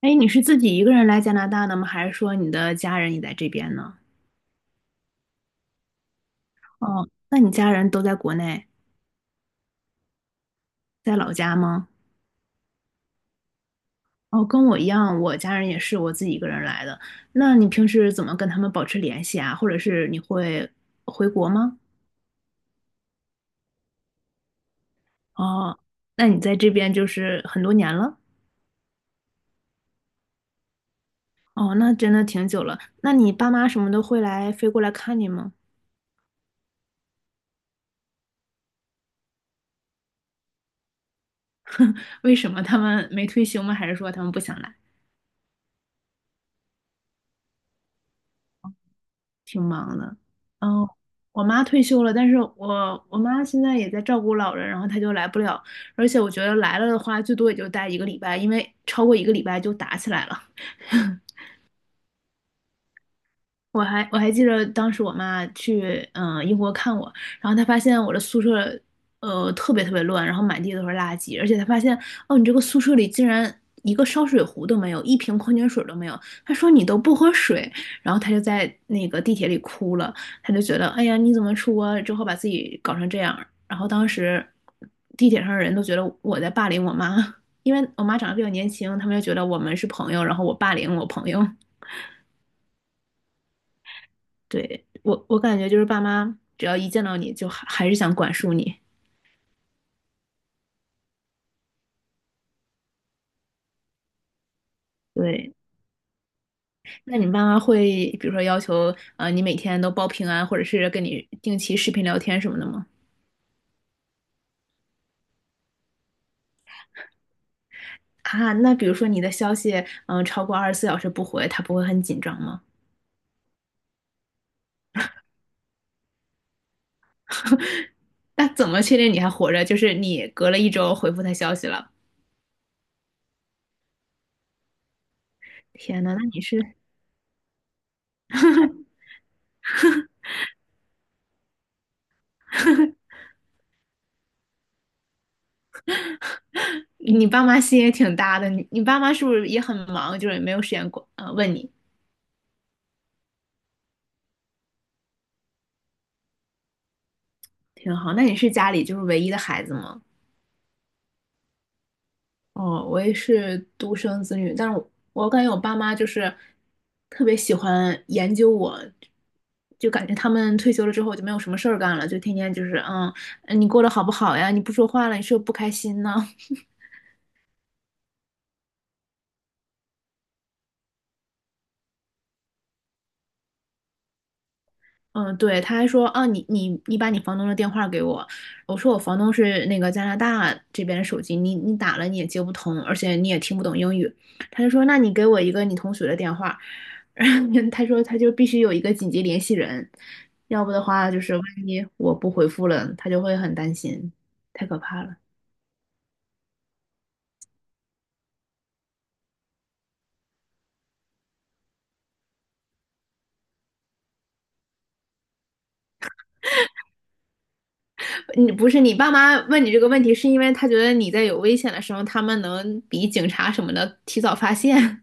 哎，你是自己一个人来加拿大的吗？还是说你的家人也在这边呢？哦，那你家人都在国内，在老家吗？哦，跟我一样，我家人也是我自己一个人来的。那你平时怎么跟他们保持联系啊？或者是你会回国吗？哦，那你在这边就是很多年了？哦，那真的挺久了。那你爸妈什么的会来飞过来看你吗？为什么他们没退休吗？还是说他们不想来？挺忙的。然后我妈退休了，但是我妈现在也在照顾老人，然后她就来不了，而且我觉得来了的话，最多也就待一个礼拜，因为超过一个礼拜就打起来了。我还记得当时我妈去英国看我，然后她发现我的宿舍特别特别乱，然后满地都是垃圾，而且她发现哦你这个宿舍里竟然一个烧水壶都没有，一瓶矿泉水都没有，她说你都不喝水，然后她就在那个地铁里哭了，她就觉得哎呀你怎么出国之后把自己搞成这样，然后当时地铁上的人都觉得我在霸凌我妈，因为我妈长得比较年轻，他们就觉得我们是朋友，然后我霸凌我朋友。对，我感觉就是爸妈只要一见到你就还是想管束你。对，那你爸妈会比如说要求你每天都报平安，或者是跟你定期视频聊天什么的吗？啊，那比如说你的消息超过24小时不回，他不会很紧张吗？那怎么确定你还活着？就是你隔了一周回复他消息了。天呐，那你是 你爸妈心也挺大的，你爸妈是不是也很忙，就是也没有时间管问你？挺好，那你是家里就是唯一的孩子吗？哦，我也是独生子女，但是我感觉我爸妈就是特别喜欢研究我，就感觉他们退休了之后就没有什么事儿干了，就天天就是嗯，你过得好不好呀？你不说话了，你是不是不开心呢？嗯，对，他还说啊，你把你房东的电话给我，我说我房东是那个加拿大这边的手机，你打了你也接不通，而且你也听不懂英语，他就说那你给我一个你同学的电话，他说他就必须有一个紧急联系人，要不的话就是万一我不回复了，他就会很担心，太可怕了。你不是你爸妈问你这个问题，是因为他觉得你在有危险的时候，他们能比警察什么的提早发现，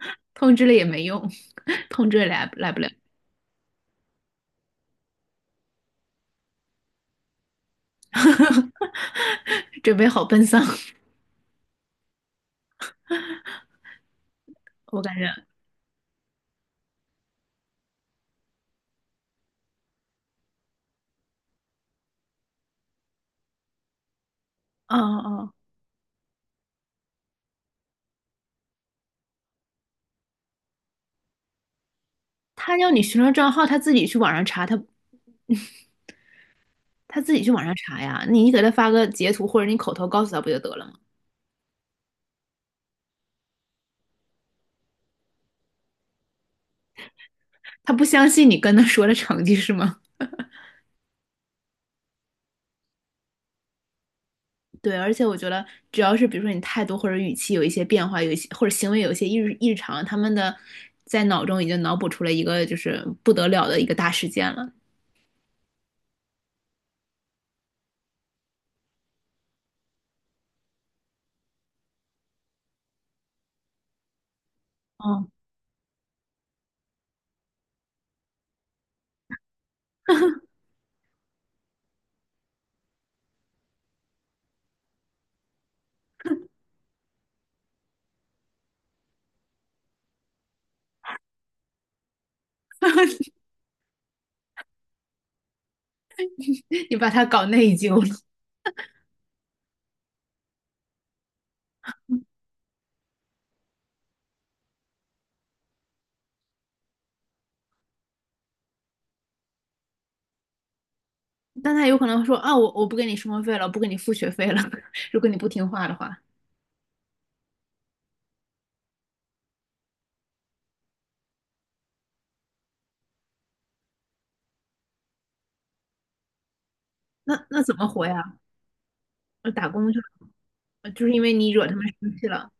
通知了也没用，通知也来不了。准备好奔丧。我感觉，哦哦，他要你学生账号，他自己去网上查，他自己去网上查呀。你给他发个截图，或者你口头告诉他不就得了吗？他不相信你跟他说的成绩是吗？对，而且我觉得，只要是比如说你态度或者语气有一些变化，有一些或者行为有一些异常，他们的在脑中已经脑补出了一个就是不得了的一个大事件了。哦，你把他搞内疚了。但他有可能会说啊，我不给你生活费了，不给你付学费了，如果你不听话的话，那怎么活呀？呃打工就呃就是因为你惹他们生气了。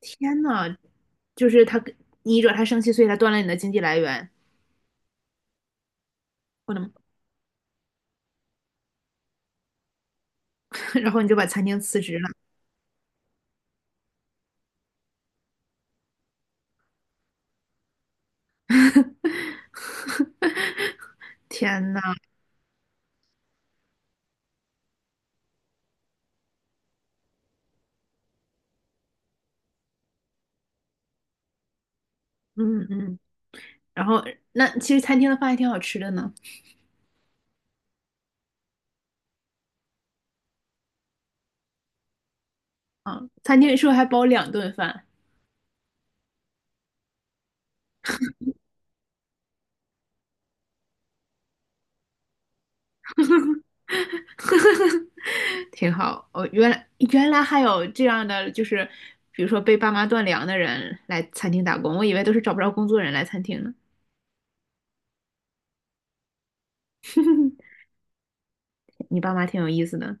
天呐，就是他跟你惹他生气，所以他断了你的经济来源，我的妈 然后你就把餐厅辞职了。天呐，嗯嗯，然后那其实餐厅的饭还挺好吃的呢，餐厅是不是还包两顿饭？挺好。哦，原来还有这样的，就是比如说被爸妈断粮的人来餐厅打工，我以为都是找不着工作人来餐厅呢。你爸妈挺有意思的。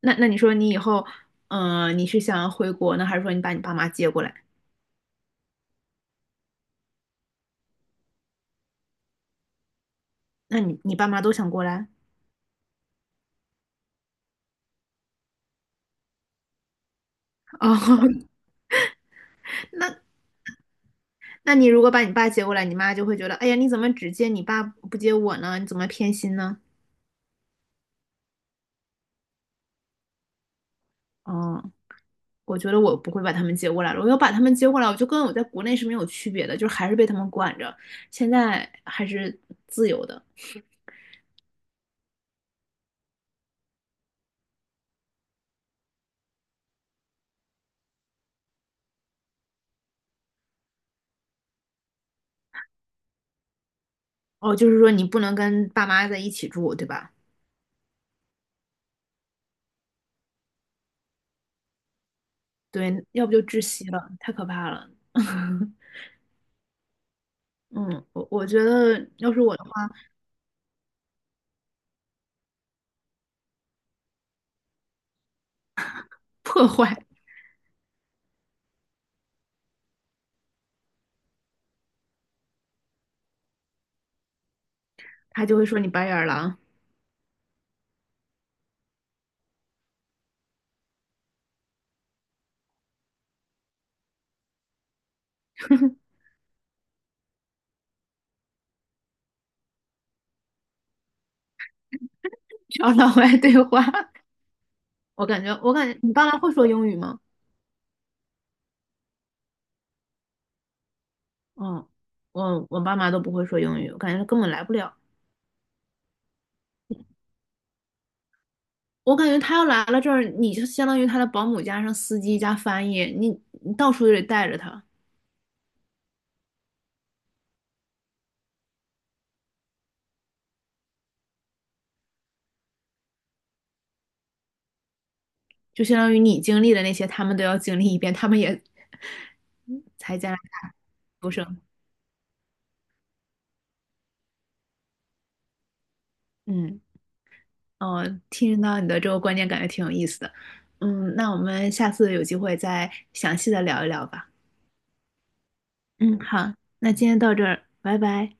那你说你以后，你是想回国呢，还是说你把你爸妈接过来？那你爸妈都想过来？哦，那那你如果把你爸接过来，你妈就会觉得，哎呀，你怎么只接你爸不接我呢？你怎么偏心呢？哦，我觉得我不会把他们接过来了。我要把他们接过来，我就跟我在国内是没有区别的，就是还是被他们管着。现在还是自由的。哦，就是说你不能跟爸妈在一起住，对吧？对，要不就窒息了，太可怕了。嗯，我觉得要是我的话，破坏他就会说你白眼狼，找老外对话。我感觉，你爸妈会说英语吗？嗯，我爸妈都不会说英语，我感觉根本来不了。我感觉他要来了这儿，你就相当于他的保姆加上司机加翻译，你到处就得带着他，就相当于你经历的那些，他们都要经历一遍，他们也才加拿大出生。嗯，哦，听到你的这个观点，感觉挺有意思的。嗯，那我们下次有机会再详细的聊一聊吧。嗯，好，那今天到这儿，拜拜。